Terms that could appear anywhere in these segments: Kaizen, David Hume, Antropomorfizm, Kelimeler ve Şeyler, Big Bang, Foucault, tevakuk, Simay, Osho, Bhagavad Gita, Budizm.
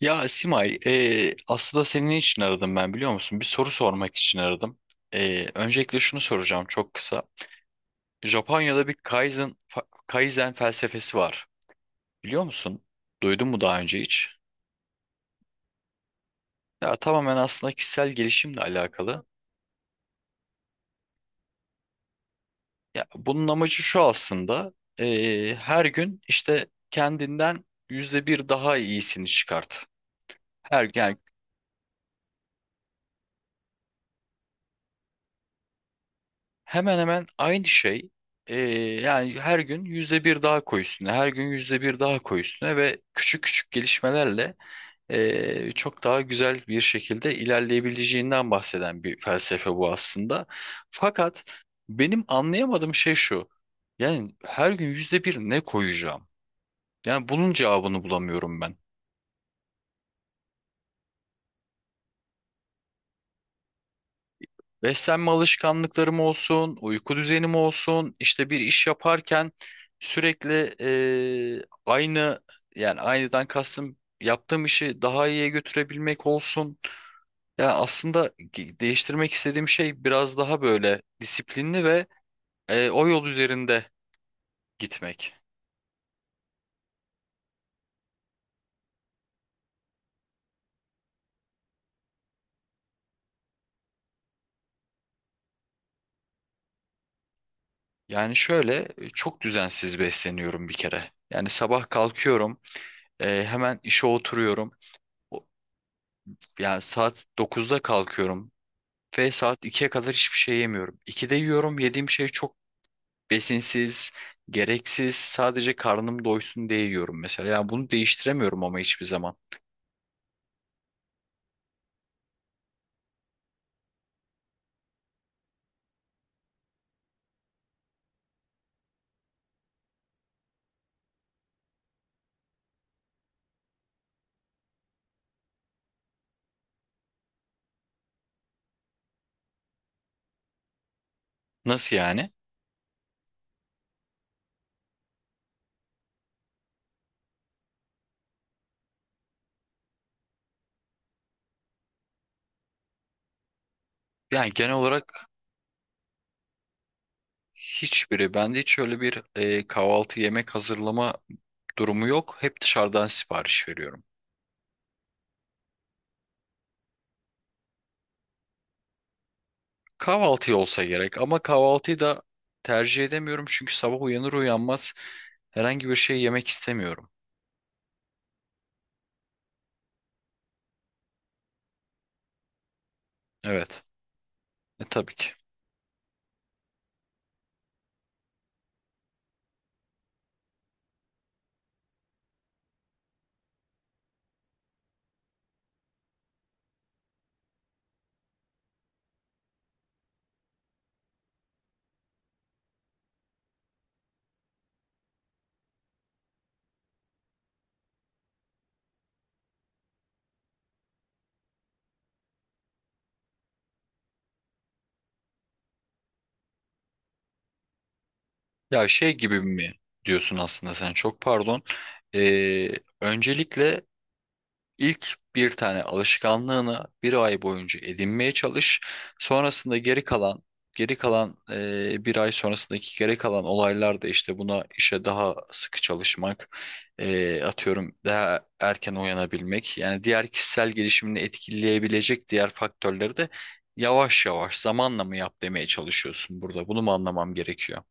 Ya Simay, aslında senin için aradım ben, biliyor musun? Bir soru sormak için aradım. Öncelikle şunu soracağım, çok kısa. Japonya'da bir Kaizen Kaizen felsefesi var. Biliyor musun? Duydun mu daha önce hiç? Ya tamamen aslında kişisel gelişimle alakalı. Ya bunun amacı şu aslında. Her gün işte kendinden yüzde bir daha iyisini çıkart. Yani hemen hemen aynı şey. Ee, Yani her gün yüzde bir daha koy üstüne, her gün yüzde bir daha koy üstüne ve küçük küçük gelişmelerle çok daha güzel bir şekilde ilerleyebileceğinden bahseden bir felsefe bu aslında. Fakat benim anlayamadığım şey şu. Yani her gün yüzde bir ne koyacağım? Yani bunun cevabını bulamıyorum ben. Beslenme alışkanlıklarım olsun, uyku düzenim olsun, işte bir iş yaparken sürekli aynı, yani aynıdan kastım yaptığım işi daha iyiye götürebilmek olsun. Yani aslında değiştirmek istediğim şey biraz daha böyle disiplinli ve o yol üzerinde gitmek. Yani şöyle çok düzensiz besleniyorum bir kere. Yani sabah kalkıyorum, hemen işe oturuyorum. O- Yani saat dokuzda kalkıyorum. Ve saat ikiye kadar hiçbir şey yemiyorum. 2'de yiyorum. Yediğim şey çok besinsiz, gereksiz. Sadece karnım doysun diye yiyorum mesela. Yani bunu değiştiremiyorum ama hiçbir zaman. Nasıl yani? Yani genel olarak hiçbiri. Bende hiç öyle bir kahvaltı yemek hazırlama durumu yok. Hep dışarıdan sipariş veriyorum. Kahvaltı olsa gerek ama kahvaltıyı da tercih edemiyorum çünkü sabah uyanır uyanmaz herhangi bir şey yemek istemiyorum. Evet. Tabii ki. Ya şey gibi mi diyorsun aslında sen, çok pardon. Ee, Öncelikle ilk bir tane alışkanlığını bir ay boyunca edinmeye çalış. Sonrasında geri kalan bir ay sonrasındaki geri kalan olaylar da işte buna, işe daha sıkı çalışmak, atıyorum daha erken uyanabilmek. Yani diğer kişisel gelişimini etkileyebilecek diğer faktörleri de yavaş yavaş zamanla mı yap demeye çalışıyorsun burada. Bunu mu anlamam gerekiyor?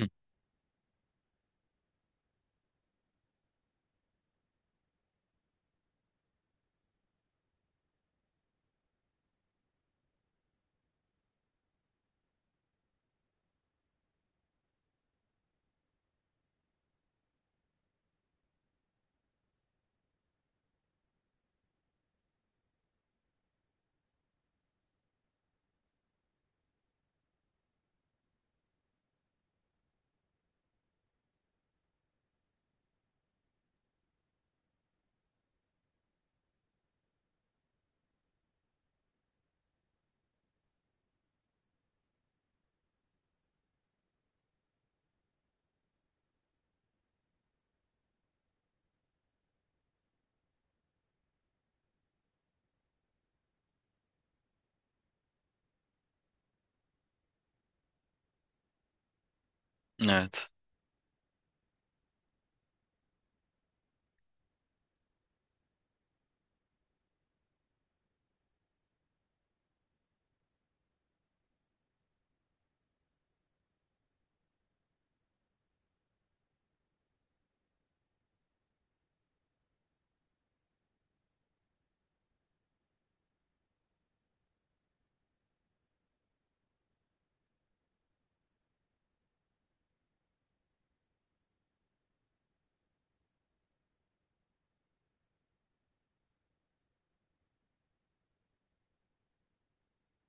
Hı. Evet.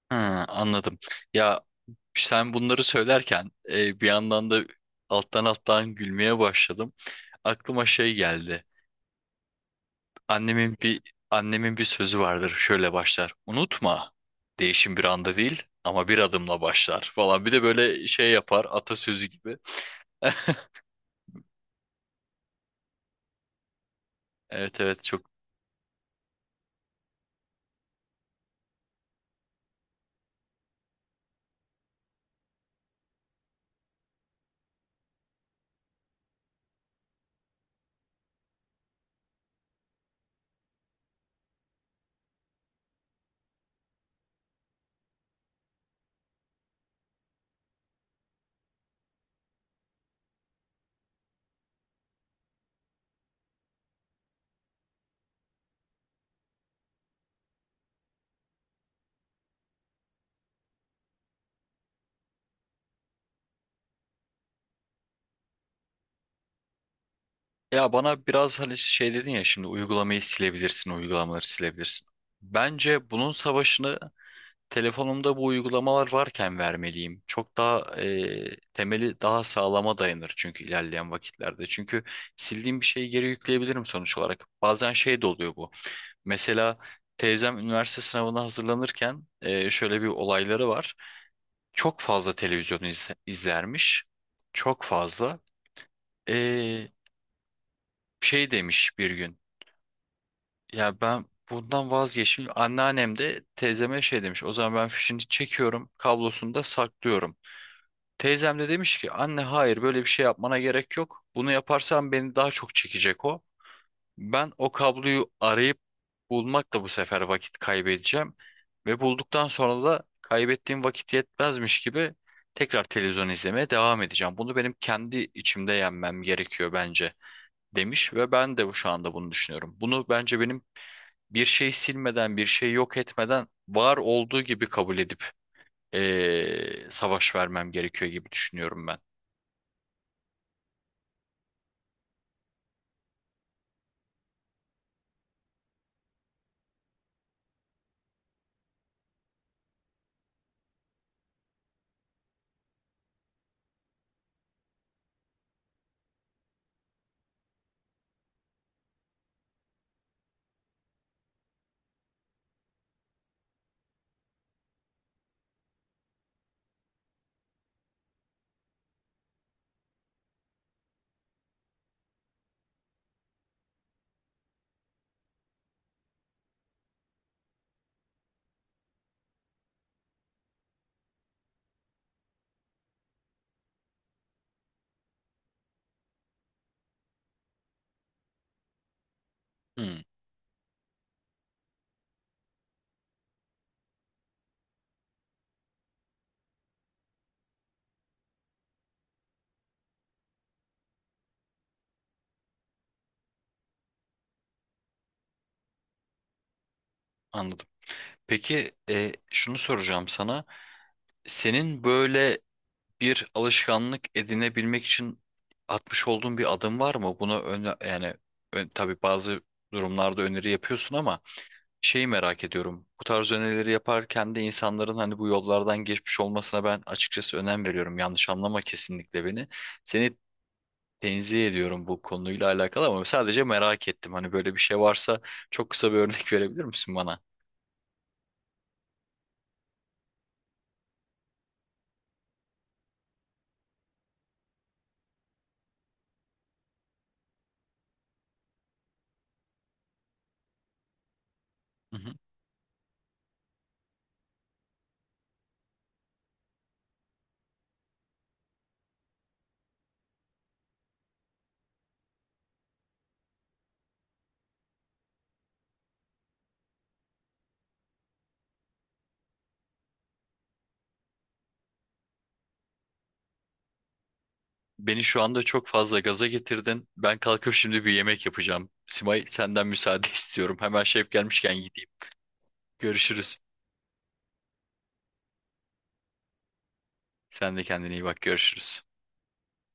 Ha, anladım. Ya sen bunları söylerken bir yandan da alttan alttan gülmeye başladım. Aklıma şey geldi. Annemin bir annemin bir sözü vardır. Şöyle başlar. Unutma. Değişim bir anda değil ama bir adımla başlar falan. Bir de böyle şey yapar, atasözü gibi. Evet, evet, çok. Ya bana biraz hani şey dedin ya, şimdi uygulamayı silebilirsin, uygulamaları silebilirsin. Bence bunun savaşını telefonumda bu uygulamalar varken vermeliyim. Çok daha temeli daha sağlama dayanır çünkü ilerleyen vakitlerde. Çünkü sildiğim bir şeyi geri yükleyebilirim sonuç olarak. Bazen şey de oluyor bu. Mesela teyzem üniversite sınavına hazırlanırken şöyle bir olayları var. Çok fazla televizyon izlermiş. Çok fazla. E, Şey demiş bir gün. Ya ben Bundan vazgeçmiş. Anneannem de teyzeme şey demiş. O zaman ben fişini çekiyorum, kablosunu da saklıyorum. Teyzem de demiş ki, anne hayır, böyle bir şey yapmana gerek yok. Bunu yaparsan beni daha çok çekecek o. Ben o kabloyu arayıp bulmakla bu sefer vakit kaybedeceğim. Ve bulduktan sonra da kaybettiğim vakit yetmezmiş gibi tekrar televizyon izlemeye devam edeceğim. Bunu benim kendi içimde yenmem gerekiyor bence, demiş ve ben de şu anda bunu düşünüyorum. Bunu bence benim bir şeyi silmeden, bir şeyi yok etmeden var olduğu gibi kabul edip savaş vermem gerekiyor gibi düşünüyorum ben. Hmm. Anladım. Peki, şunu soracağım sana. Senin böyle bir alışkanlık edinebilmek için atmış olduğun bir adım var mı? Buna yani tabii bazı durumlarda öneri yapıyorsun ama şeyi merak ediyorum. Bu tarz önerileri yaparken de insanların hani bu yollardan geçmiş olmasına ben açıkçası önem veriyorum. Yanlış anlama kesinlikle beni. Seni tenzih ediyorum bu konuyla alakalı ama sadece merak ettim. Hani böyle bir şey varsa çok kısa bir örnek verebilir misin bana? Beni şu anda çok fazla gaza getirdin. Ben kalkıp şimdi bir yemek yapacağım. Simay, senden müsaade istiyorum. Hemen şef gelmişken gideyim. Görüşürüz. Sen de kendine iyi bak. Görüşürüz.